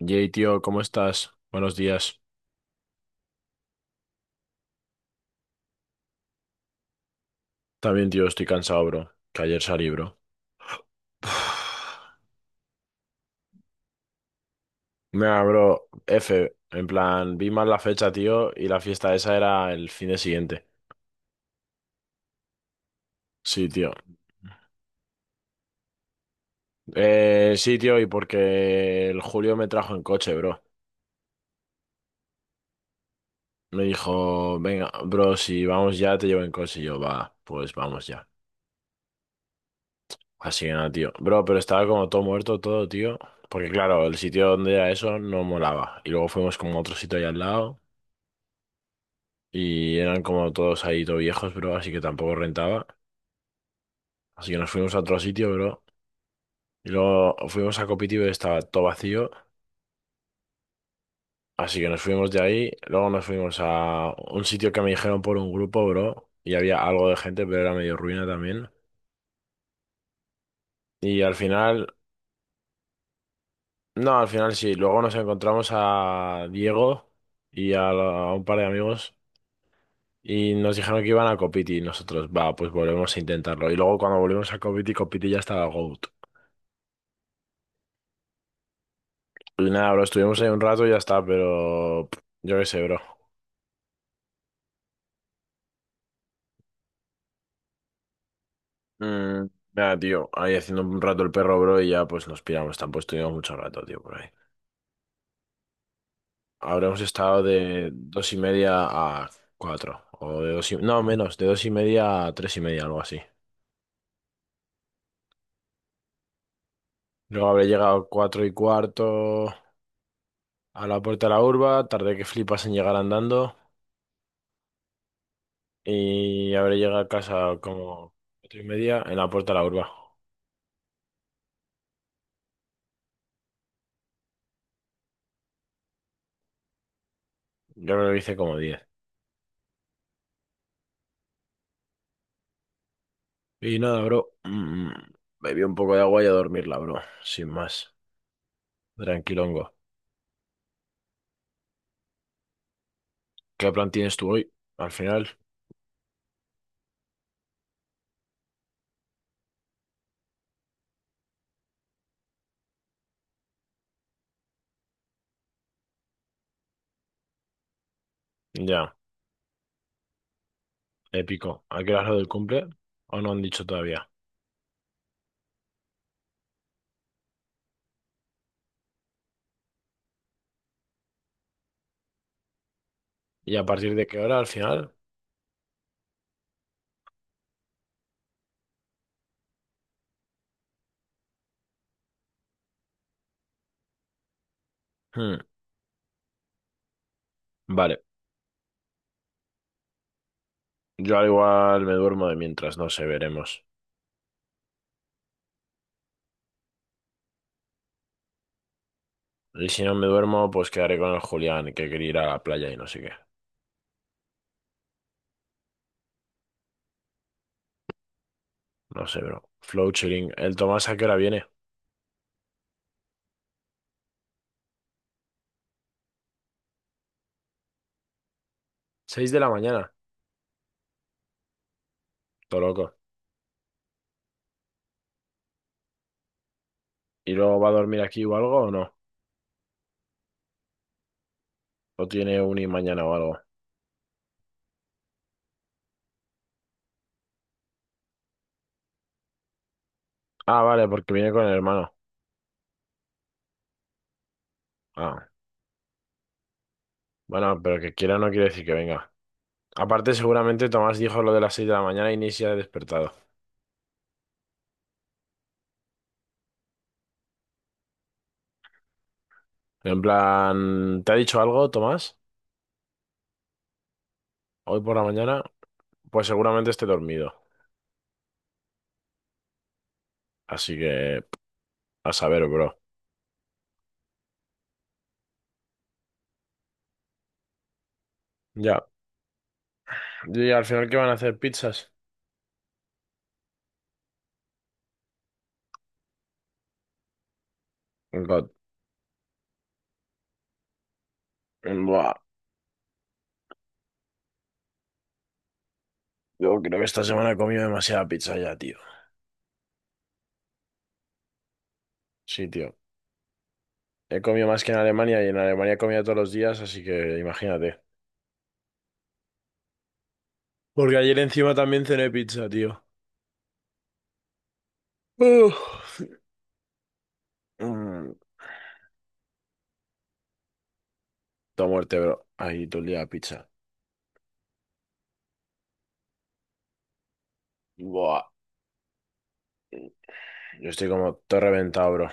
Yay, tío, ¿cómo estás? Buenos días. También, tío, estoy cansado, bro. Que ayer salí, bro. Mira, bro, F. En plan, vi mal la fecha, tío, y la fiesta esa era el fin de siguiente. Sí, tío. Sí, tío, y porque el Julio me trajo en coche, bro. Me dijo, venga, bro, si vamos ya, te llevo en coche. Y yo, va, pues vamos ya. Así que nada, tío. Bro, pero estaba como todo muerto, todo, tío. Porque claro, el sitio donde era eso no molaba. Y luego fuimos como a otro sitio allá al lado. Y eran como todos ahí, todo viejos, bro, así que tampoco rentaba. Así que nos fuimos a otro sitio, bro. Y luego fuimos a Copitiba y estaba todo vacío. Así que nos fuimos de ahí. Luego nos fuimos a un sitio que me dijeron por un grupo, bro. Y había algo de gente, pero era medio ruina también. Y al final, no, al final sí. Luego nos encontramos a Diego y a, a un par de amigos. Y nos dijeron que iban a Copiti y nosotros, va, pues volvemos a intentarlo. Y luego cuando volvimos a Copiti, Copiti ya estaba GOAT. Pues nada, bro, estuvimos ahí un rato y ya está, pero yo qué sé, bro. Mm, nada, tío, ahí haciendo un rato el perro, bro, y ya pues nos piramos. Tampoco estuvimos mucho rato, tío, por ahí. Habremos estado de 2:30 a cuatro, o No, menos, de 2:30 a 3:30, algo así. Luego habré llegado 4:15 a la puerta de la urba, tardé que flipas en llegar andando, y habré llegado a casa como 4:30 en la puerta de la urba. Yo creo que hice como diez. Y nada, bro. Bebí un poco de agua y a dormirla, bro. Sin más. Tranquilongo. ¿Qué plan tienes tú hoy? Al final. Ya, épico. ¿A qué hora es lo del cumple? ¿O no han dicho todavía? ¿Y a partir de qué hora al final? Hmm. Vale. Yo al igual me duermo de mientras, no sé, veremos. Y si no me duermo, pues quedaré con el Julián, que quería ir a la playa y no sé qué. No sé, bro. Flow chilling. ¿El Tomás a qué hora viene? ¿Seis de la mañana? Todo loco. ¿Y luego va a dormir aquí o algo o no? ¿O tiene uni mañana o algo? Ah, vale, porque viene con el hermano. Ah, bueno, pero que quiera no quiere decir que venga. Aparte, seguramente Tomás dijo lo de las 6 de la mañana y ni se ha despertado. En plan, ¿te ha dicho algo, Tomás? Hoy por la mañana, pues seguramente esté dormido. Así que, a saber, bro. Ya. Y al final, ¿qué van a hacer? ¿Pizzas? God. Buah, yo creo que esta semana he comido demasiada pizza ya, tío. Sí, tío. He comido más que en Alemania y en Alemania he comido todos los días, así que imagínate. Porque ayer encima también cené pizza, tío. Uf. Mm, toda muerte, bro. Ahí todo el día pizza. Buah. Yo estoy como todo reventado, bro.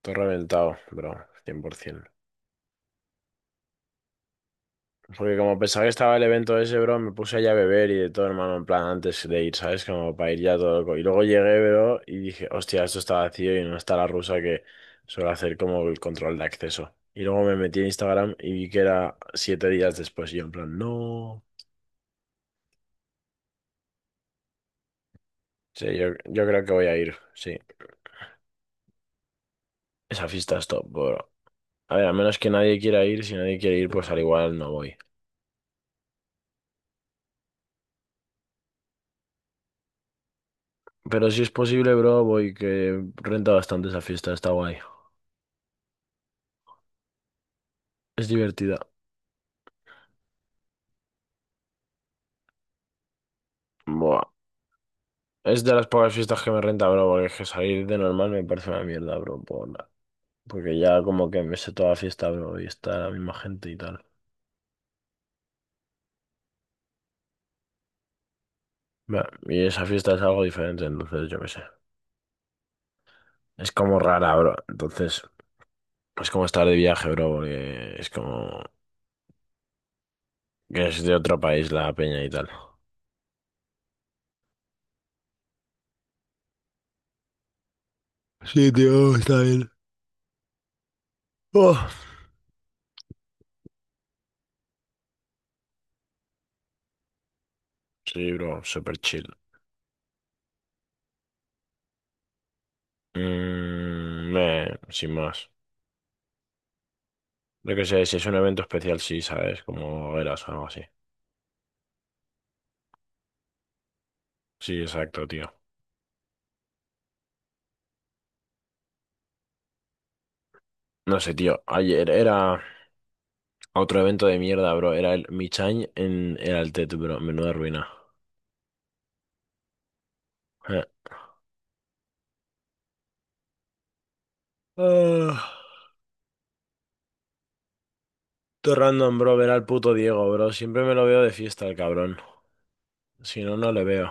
Todo reventado, bro. 100%. Porque como pensaba que estaba el evento ese, bro, me puse allá a beber y de todo, hermano, en plan antes de ir, ¿sabes? Como para ir ya todo loco. Y luego llegué, bro, y dije, hostia, esto está vacío y no está la rusa que suele hacer como el control de acceso. Y luego me metí en Instagram y vi que era 7 días después. Y yo en plan, no. Sí, yo creo que voy a ir, sí. Esa fiesta es top, bro. A ver, a menos que nadie quiera ir, si nadie quiere ir, pues al igual no voy. Pero si es posible, bro, voy, que renta bastante esa fiesta, está guay. Es divertida. Buah. Es de las pocas fiestas que me renta, bro, porque es que salir de normal me parece una mierda, bro. Porque ya como que me sé toda la fiesta, bro, y está la misma gente y tal. Va, y esa fiesta es algo diferente, entonces yo qué sé. Es como rara, bro. Entonces, es como estar de viaje, bro, porque es como que es de otro país la peña y tal. Sí, tío, está bien. Sí, bro, super chill. Mm, meh, sin más. Lo que sé, si es un evento especial, sí, ¿sabes? Como eras o algo así. Sí, exacto, tío. No sé, tío. Ayer era otro evento de mierda, bro. Era el Michain en el Altet, bro. Menuda ruina. Eh. Ah, todo random, bro, ver al puto Diego, bro. Siempre me lo veo de fiesta, el cabrón. Si no, no le veo.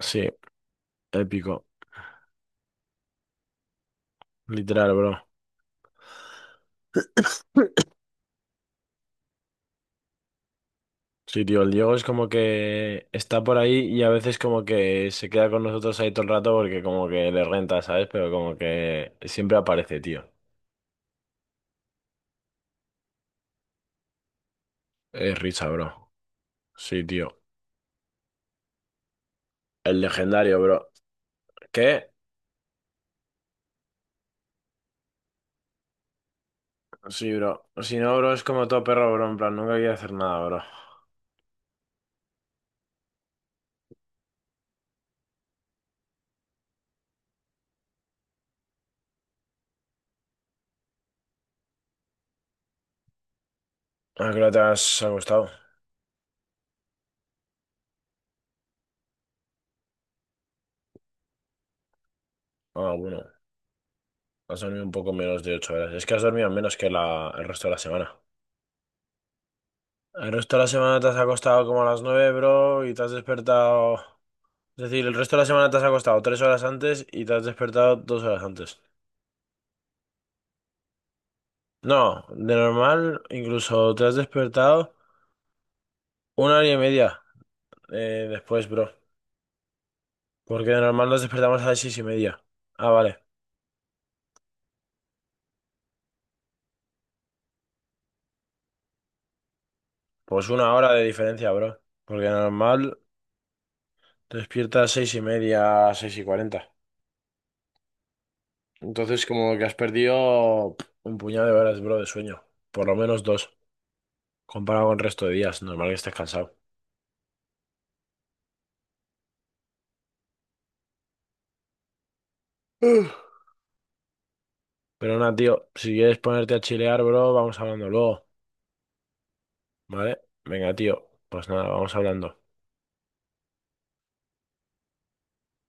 Sí, épico. Literal, bro. Sí, tío, el Diego es como que está por ahí y a veces como que se queda con nosotros ahí todo el rato porque como que le renta, ¿sabes? Pero como que siempre aparece, tío. Es risa, bro. Sí, tío. El legendario, bro. ¿Qué? Sí, bro. Si no, bro, es como todo perro, bro. En plan, nunca quiere hacer nada, bro. ¿A qué hora te has acostado? Ah, bueno. Has dormido un poco menos de 8 horas. Es que has dormido menos que el resto de la semana. El resto de la semana te has acostado como a las 9, bro, y te has despertado... Es decir, el resto de la semana te has acostado 3 horas antes y te has despertado 2 horas antes. No, de normal incluso te has despertado una hora y media después, bro. Porque de normal nos despertamos a las 6:30. Ah, vale. Pues una hora de diferencia, bro. Porque de normal te despiertas a 6:30, 6:40. Entonces como que has perdido un puñado de horas, bro, de sueño. Por lo menos dos, comparado con el resto de días. Normal que estés cansado. Uf. Pero nada, tío, si quieres ponerte a chilear, bro, vamos hablando luego. Vale, venga, tío. Pues nada, vamos hablando.